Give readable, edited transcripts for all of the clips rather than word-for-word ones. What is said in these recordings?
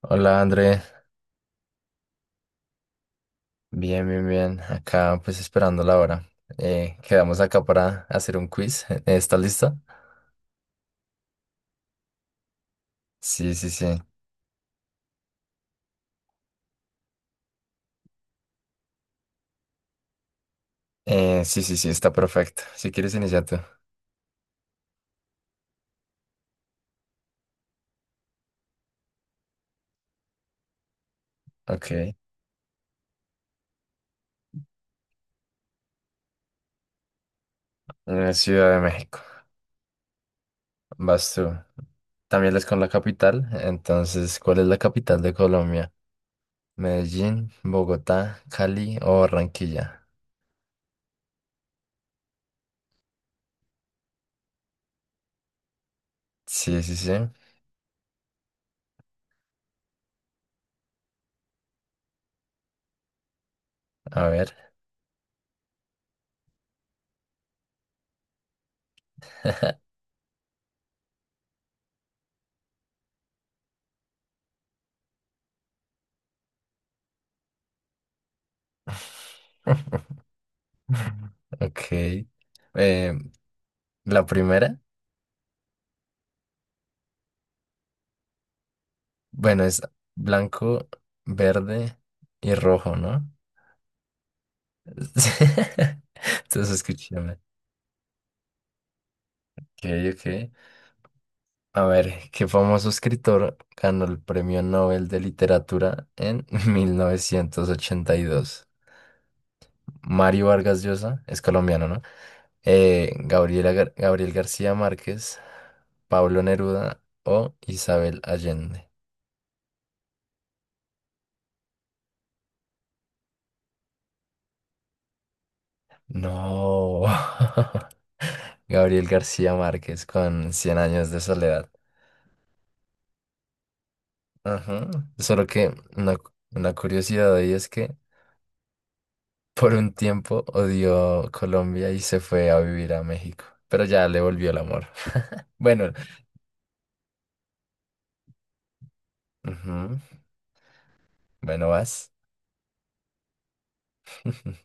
Hola André, bien, bien, bien. Acá pues esperando la hora. Quedamos acá para hacer un quiz. ¿Está lista? Sí, sí, sí. Sí, sí, sí, está perfecto. Si quieres iniciar tú. Ok. Ciudad de México. Vas tú. También es con la capital. Entonces, ¿cuál es la capital de Colombia? Medellín, Bogotá, Cali o Barranquilla. Sí, sí, sí. A ver. Ok. Eh, la primera. Bueno, es blanco, verde y rojo, ¿no? Entonces escúchame. Ok, ok. A ver, ¿qué famoso escritor ganó el Premio Nobel de Literatura en 1982? Mario Vargas Llosa, es colombiano, ¿no? Gabriel García Márquez, Pablo Neruda o Isabel Allende. No. Gabriel García Márquez con 100 años de soledad. Ajá. Solo que una curiosidad ahí es que por un tiempo odió Colombia y se fue a vivir a México, pero ya le volvió el amor. Bueno, ujú, bueno, vas.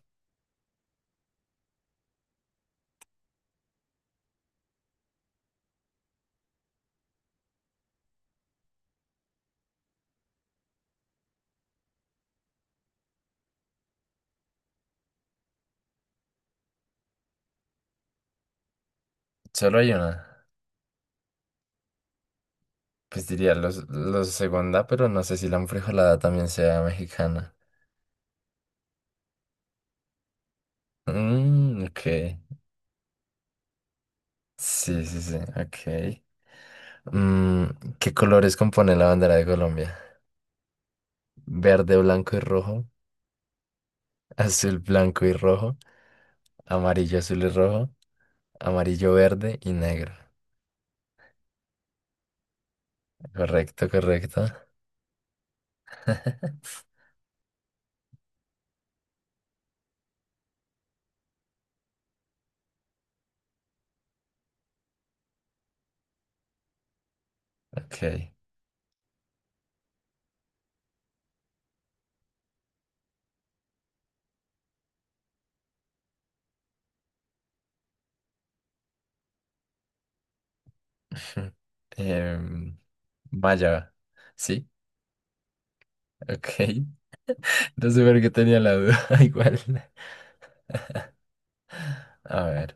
Solo hay una. Pues diría los segunda, pero no sé si la enfrijolada también sea mexicana. Mm, ok. Sí, sí, sí, ok. Mm, ¿Qué colores compone la bandera de Colombia? Verde, blanco y rojo, azul, blanco y rojo, amarillo, azul y rojo. Amarillo, verde y negro. Correcto, correcto. Ok. Em, vaya. Sí, ok. No sé por qué tenía la duda igual. A ver.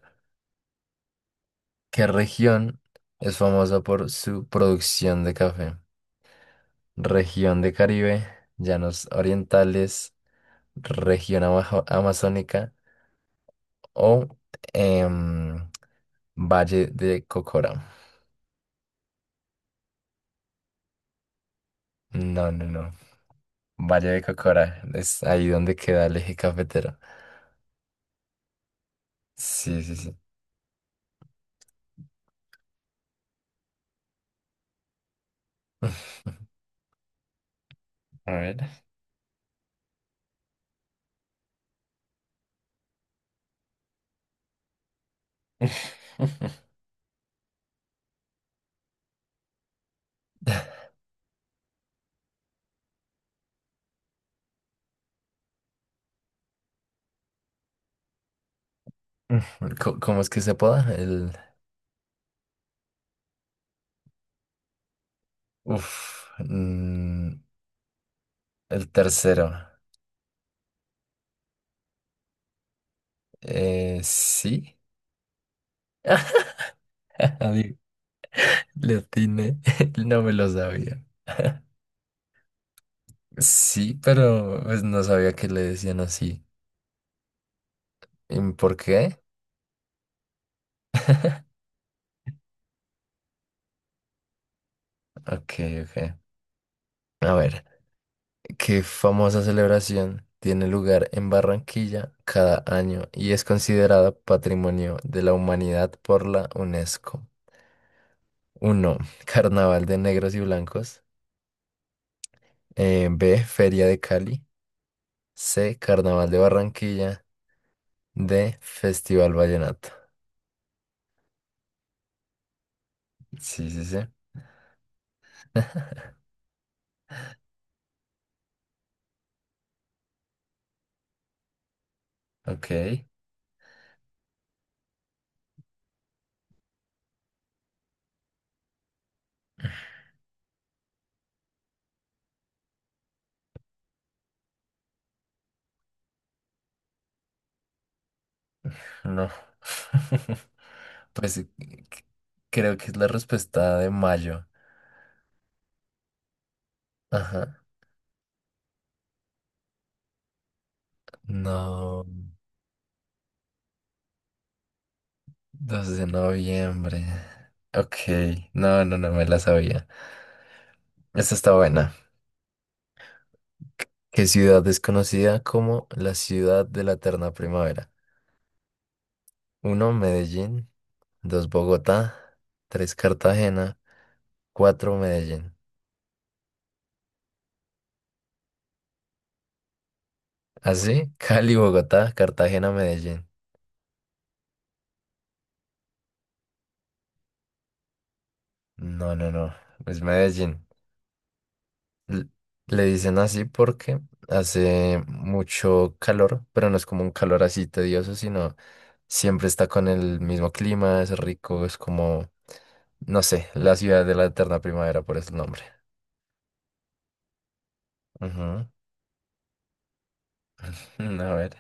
¿Qué región es famosa por su producción de café? Región de Caribe, llanos orientales, región amazónica o em, Valle de Cocora. No, no, no. Valle de Cocora, es ahí donde queda el eje cafetero. Sí, sí, sí. A ver. ¿Cómo es que se apoda? Uf, mm, el tercero. Sí. Adi- le atiné. No me lo sabía. Sí, pero pues, no sabía que le decían así. ¿Y por qué? Ok, ok. A ver. ¿Qué famosa celebración tiene lugar en Barranquilla cada año y es considerada Patrimonio de la Humanidad por la UNESCO? Uno. Carnaval de Negros y Blancos. B. Feria de Cali. C. Carnaval de Barranquilla. D. Festival Vallenato. Sí, sí, sí. Ok, no. Pues creo que es la respuesta de mayo. Ajá. No. 2 de noviembre. Ok, no, no, no me la sabía. Esta está buena. ¿Qué ciudad es conocida como la ciudad de la eterna primavera? Uno, Medellín; dos, Bogotá; tres, Cartagena; cuatro, Medellín. Así, Cali, Bogotá, Cartagena, Medellín. No, no, no, es Medellín. L- Le dicen así porque hace mucho calor, pero no es como un calor así tedioso, sino siempre está con el mismo clima, es rico, es como, no sé, la ciudad de la eterna primavera, por ese nombre. Ujú. A ver.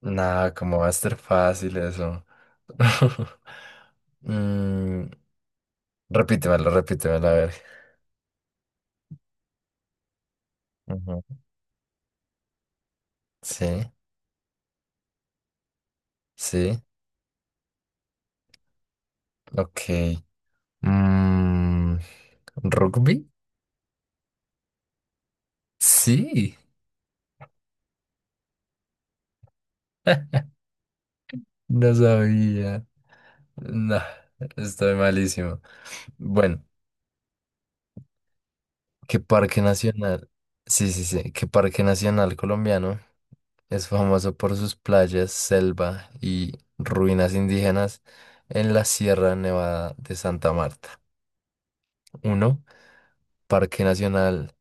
¿Nada, como va a ser fácil eso? Mm, repítemelo, repítemelo, a ver. Ujú. Sí, sí, ok. Mm, ¿Rugby? Sí. No sabía. No, estoy malísimo. Bueno, ¿qué parque nacional? Sí, sí, sí. ¿Qué parque nacional colombiano es famoso por sus playas, selva y ruinas indígenas en la Sierra Nevada de Santa Marta? Uno, Parque Nacional,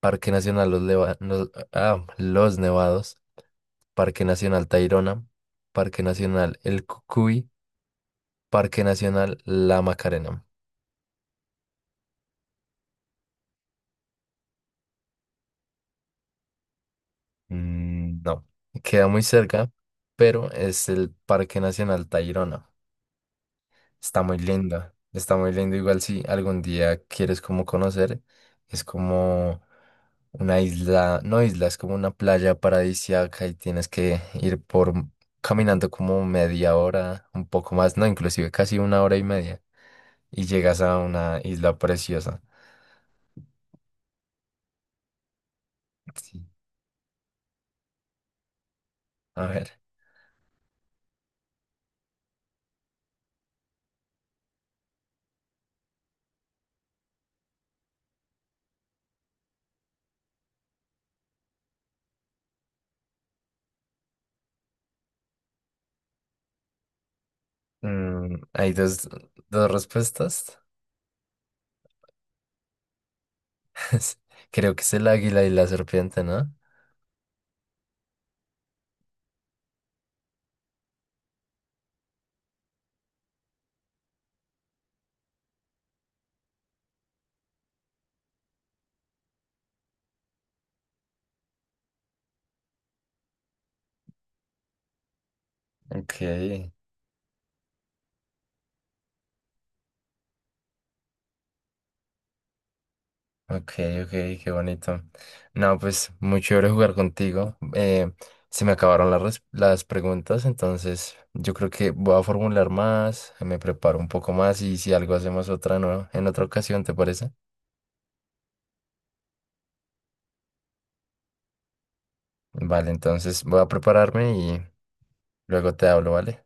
Parque Nacional Los, Leva- Los- ah, Los Nevados, Parque Nacional Tayrona, Parque Nacional El Cucuy, Parque Nacional La Macarena. Mm, no, queda muy cerca, pero es el Parque Nacional Tayrona. Está muy lindo, está muy lindo. Igual si algún día quieres como conocer, es como una isla, no isla, es como una playa paradisíaca y tienes que ir por caminando como media hora, un poco más, no, inclusive casi una hora y media y llegas a una isla preciosa. Sí. A ver, hay dos respuestas. Creo que es el águila y la serpiente, ¿no? Ok, ok, ok, qué bonito. No, pues muy chévere jugar contigo. Se me acabaron las preguntas, entonces yo creo que voy a formular más, me preparo un poco más y si algo hacemos otra nueva en otra ocasión, ¿te parece? Vale, entonces voy a prepararme y luego te hablo, ¿vale?